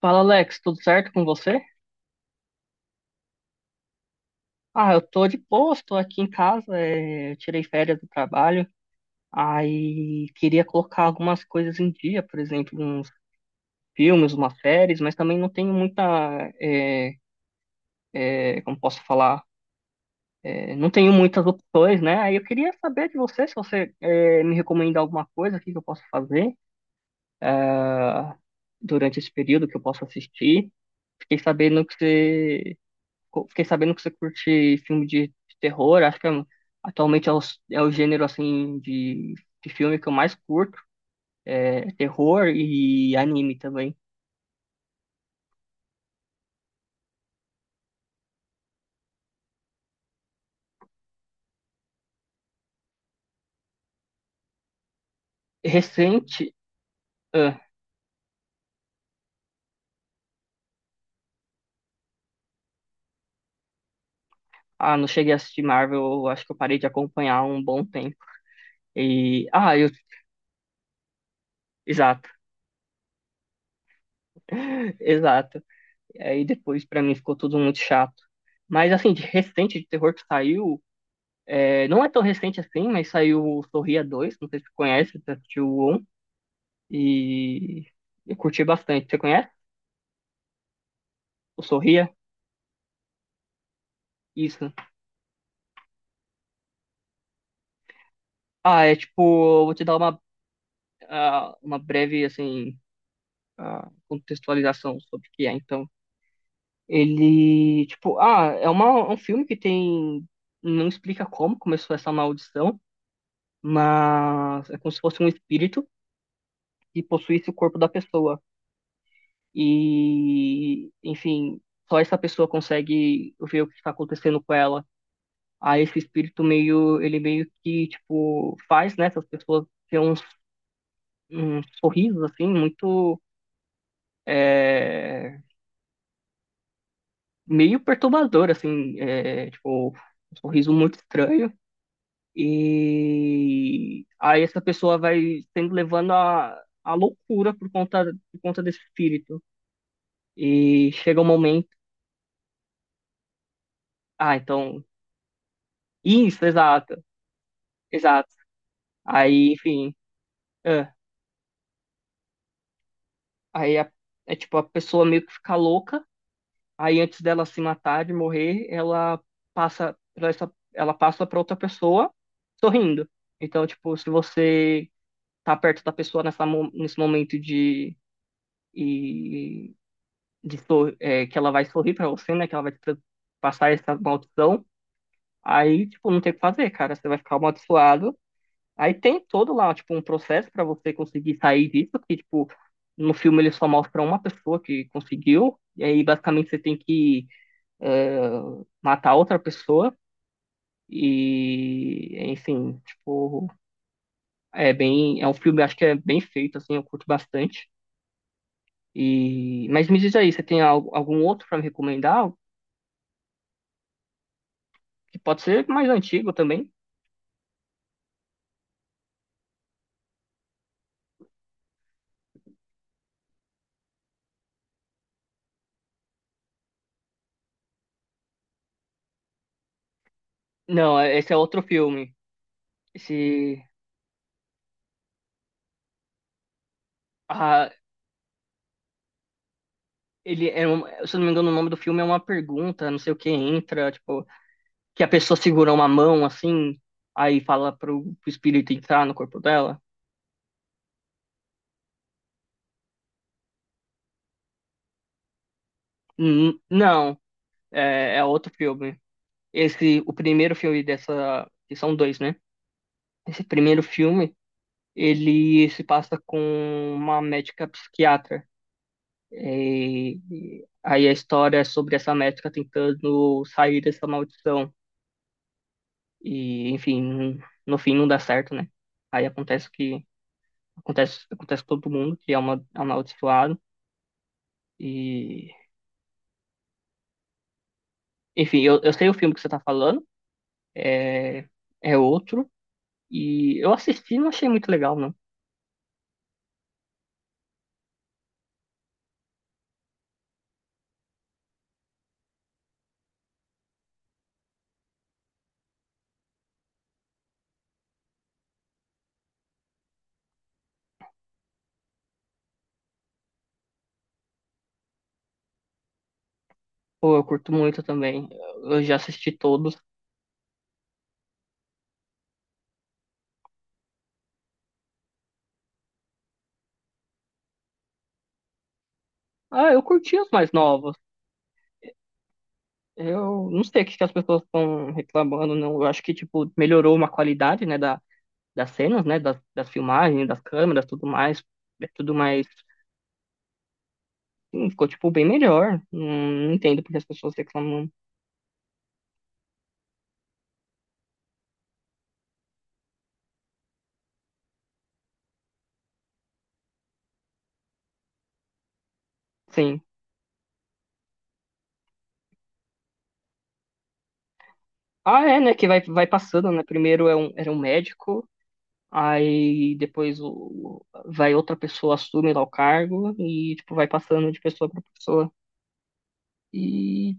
Fala Alex, tudo certo com você? Ah, eu tô de boa, tô aqui em casa, eu tirei férias do trabalho, aí queria colocar algumas coisas em dia, por exemplo, uns filmes, umas séries, mas também não tenho muita, é, como posso falar. É, não tenho muitas opções, né? Aí eu queria saber de você, se você me recomenda alguma coisa, o que que eu posso fazer durante esse período que eu posso assistir. Fiquei sabendo que você Fiquei sabendo que você curte filme de terror. Acho que é um, atualmente é o, é o gênero assim de filme que eu mais curto. É terror e anime também. Recente, ah, não cheguei a assistir Marvel. Eu acho que eu parei de acompanhar há um bom tempo. E exato. Exato. E aí depois pra mim ficou tudo muito chato. Mas assim, de recente de terror que saiu, é, não é tão recente assim, mas saiu o Sorria 2, não sei se você conhece, você assistiu. E eu curti bastante. Você conhece? O Sorria? Isso. Ah, é tipo, eu vou te dar uma, uma breve, assim, contextualização sobre o que é, então. Ele, tipo, é uma, é um filme que tem. Não explica como começou essa maldição, mas é como se fosse um espírito que possuísse o corpo da pessoa. E, enfim, só essa pessoa consegue ver o que está acontecendo com ela. Aí esse espírito meio, ele meio que, tipo, faz, né, essas pessoas ter uns, uns sorrisos, assim, muito, é, meio perturbador, assim, é, tipo, um sorriso muito estranho. E aí essa pessoa vai sendo levando a loucura por conta desse espírito. E chega um momento, ah, então, isso, exato, exato. Aí, enfim, é, aí a- é tipo, a pessoa meio que fica louca. Aí antes dela se matar, de morrer, ela passa para essa, ela passa para outra pessoa sorrindo. Então, tipo, se você tá perto da pessoa nessa, nesse momento e, de é, que ela vai sorrir para você, né? Que ela vai te passar essa maldição, aí, tipo, não tem o que fazer, cara. Você vai ficar amaldiçoado. Aí tem todo lá, tipo, um processo para você conseguir sair disso, que, tipo, no filme ele só mostra uma pessoa que conseguiu, e aí basicamente você tem que é, matar outra pessoa. E, enfim, tipo, é bem. É um filme, acho que é bem feito, assim, eu curto bastante. E, mas me diz aí, você tem algum outro para me recomendar? Que pode ser mais antigo também. Não, esse é outro filme. Esse. Ah, ele é um, se eu não me engano, o nome do filme é uma pergunta, não sei o que entra, tipo, que a pessoa segura uma mão assim, aí fala pro espírito entrar no corpo dela. Não, é, é outro filme. Esse, o primeiro filme dessa, que são dois, né? Esse primeiro filme, ele se passa com uma médica psiquiatra. É, e, aí a história é sobre essa médica tentando sair dessa maldição. E, enfim, no fim não dá certo, né? Aí acontece que acontece com todo mundo que é uma amaldiçoado. E, enfim, eu sei o filme que você tá falando, é, é outro. E eu assisti e não achei muito legal, não. Pô, eu curto muito também. Eu já assisti todos. Ah, eu curti os mais novos. Eu não sei o que que as pessoas estão reclamando, não. Eu acho que, tipo, melhorou uma qualidade, né, da, das cenas, né, das filmagens, das câmeras, tudo mais. É tudo mais... Sim, ficou, tipo, bem melhor. Não entendo porque as pessoas reclamam. Sim. Ah, é, né, que vai passando, né. Primeiro é um, era um médico, aí depois o, vai outra pessoa, assume lá o cargo e, tipo, vai passando de pessoa pra pessoa. E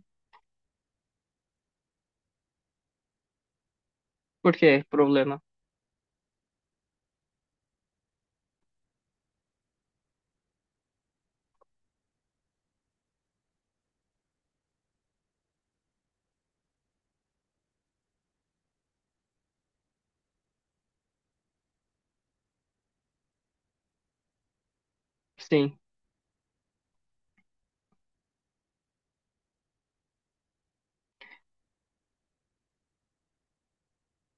por quê? Problema. Sim,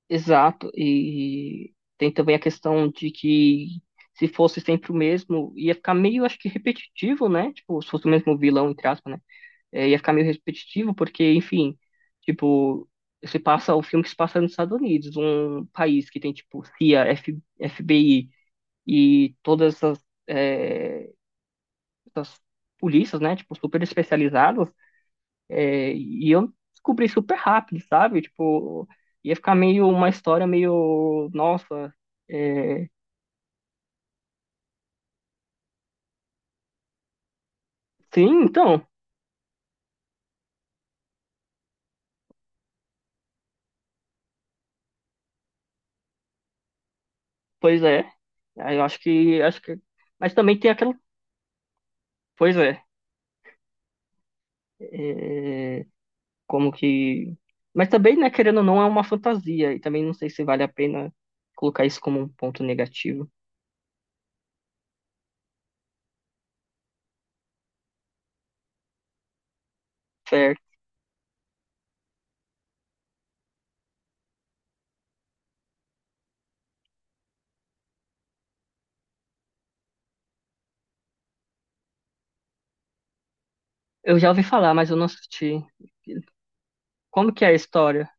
exato. E tem também a questão de que se fosse sempre o mesmo, ia ficar meio, acho que repetitivo, né? Tipo, se fosse o mesmo vilão, entre aspas, né? É, ia ficar meio repetitivo, porque, enfim, tipo, se passa o filme que se passa nos Estados Unidos, um país que tem, tipo, CIA, FBI e todas essas, é, essas polícias, né? Tipo, super especializadas. É, e eu descobri super rápido, sabe? Tipo, ia ficar meio uma história meio, nossa, é, sim, então, pois é. Aí eu acho acho que, mas também tem aquela, pois é, como que, mas também, né, querendo ou não, é uma fantasia e também não sei se vale a pena colocar isso como um ponto negativo. Certo. Eu já ouvi falar, mas eu não assisti. Como que é a história?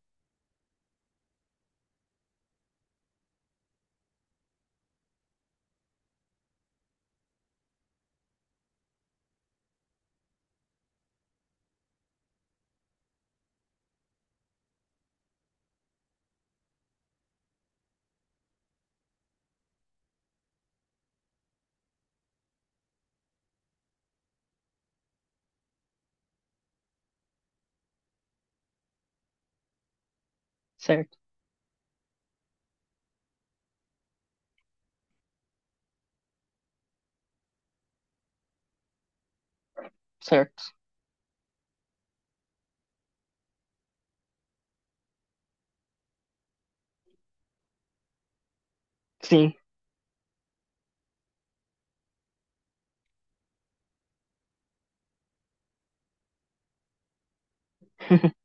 Certo, certo. Sim.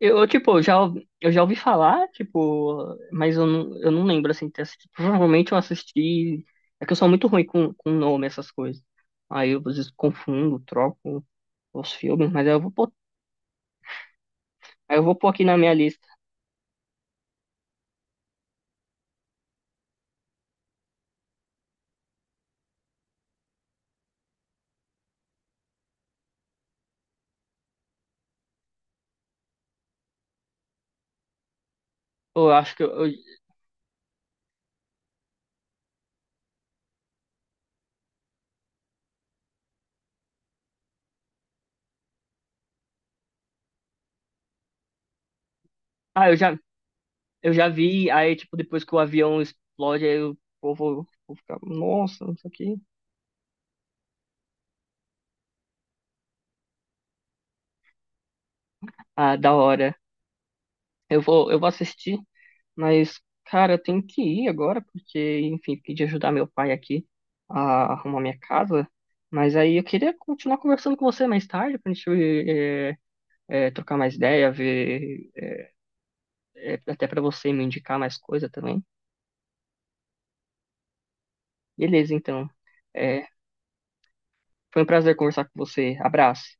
Tipo, eu já, eu já ouvi falar, tipo, mas eu eu não lembro, assim, ter assistido. Provavelmente eu assisti. É que eu sou muito ruim com nome, essas coisas. Aí eu às vezes confundo, troco os filmes, mas aí eu vou pôr, aí eu vou pôr aqui na minha lista. Pô, eu acho que ah, eu já vi, aí, tipo, depois que o avião explode, aí eu vou ficar, nossa, não sei o que. Ah, da hora. Eu vou assistir. Mas, cara, eu tenho que ir agora, porque, enfim, pedi ajudar meu pai aqui a arrumar minha casa. Mas aí eu queria continuar conversando com você mais tarde, pra gente trocar mais ideia, ver, até pra você me indicar mais coisa também. Beleza, então. Eh, foi um prazer conversar com você. Abraço.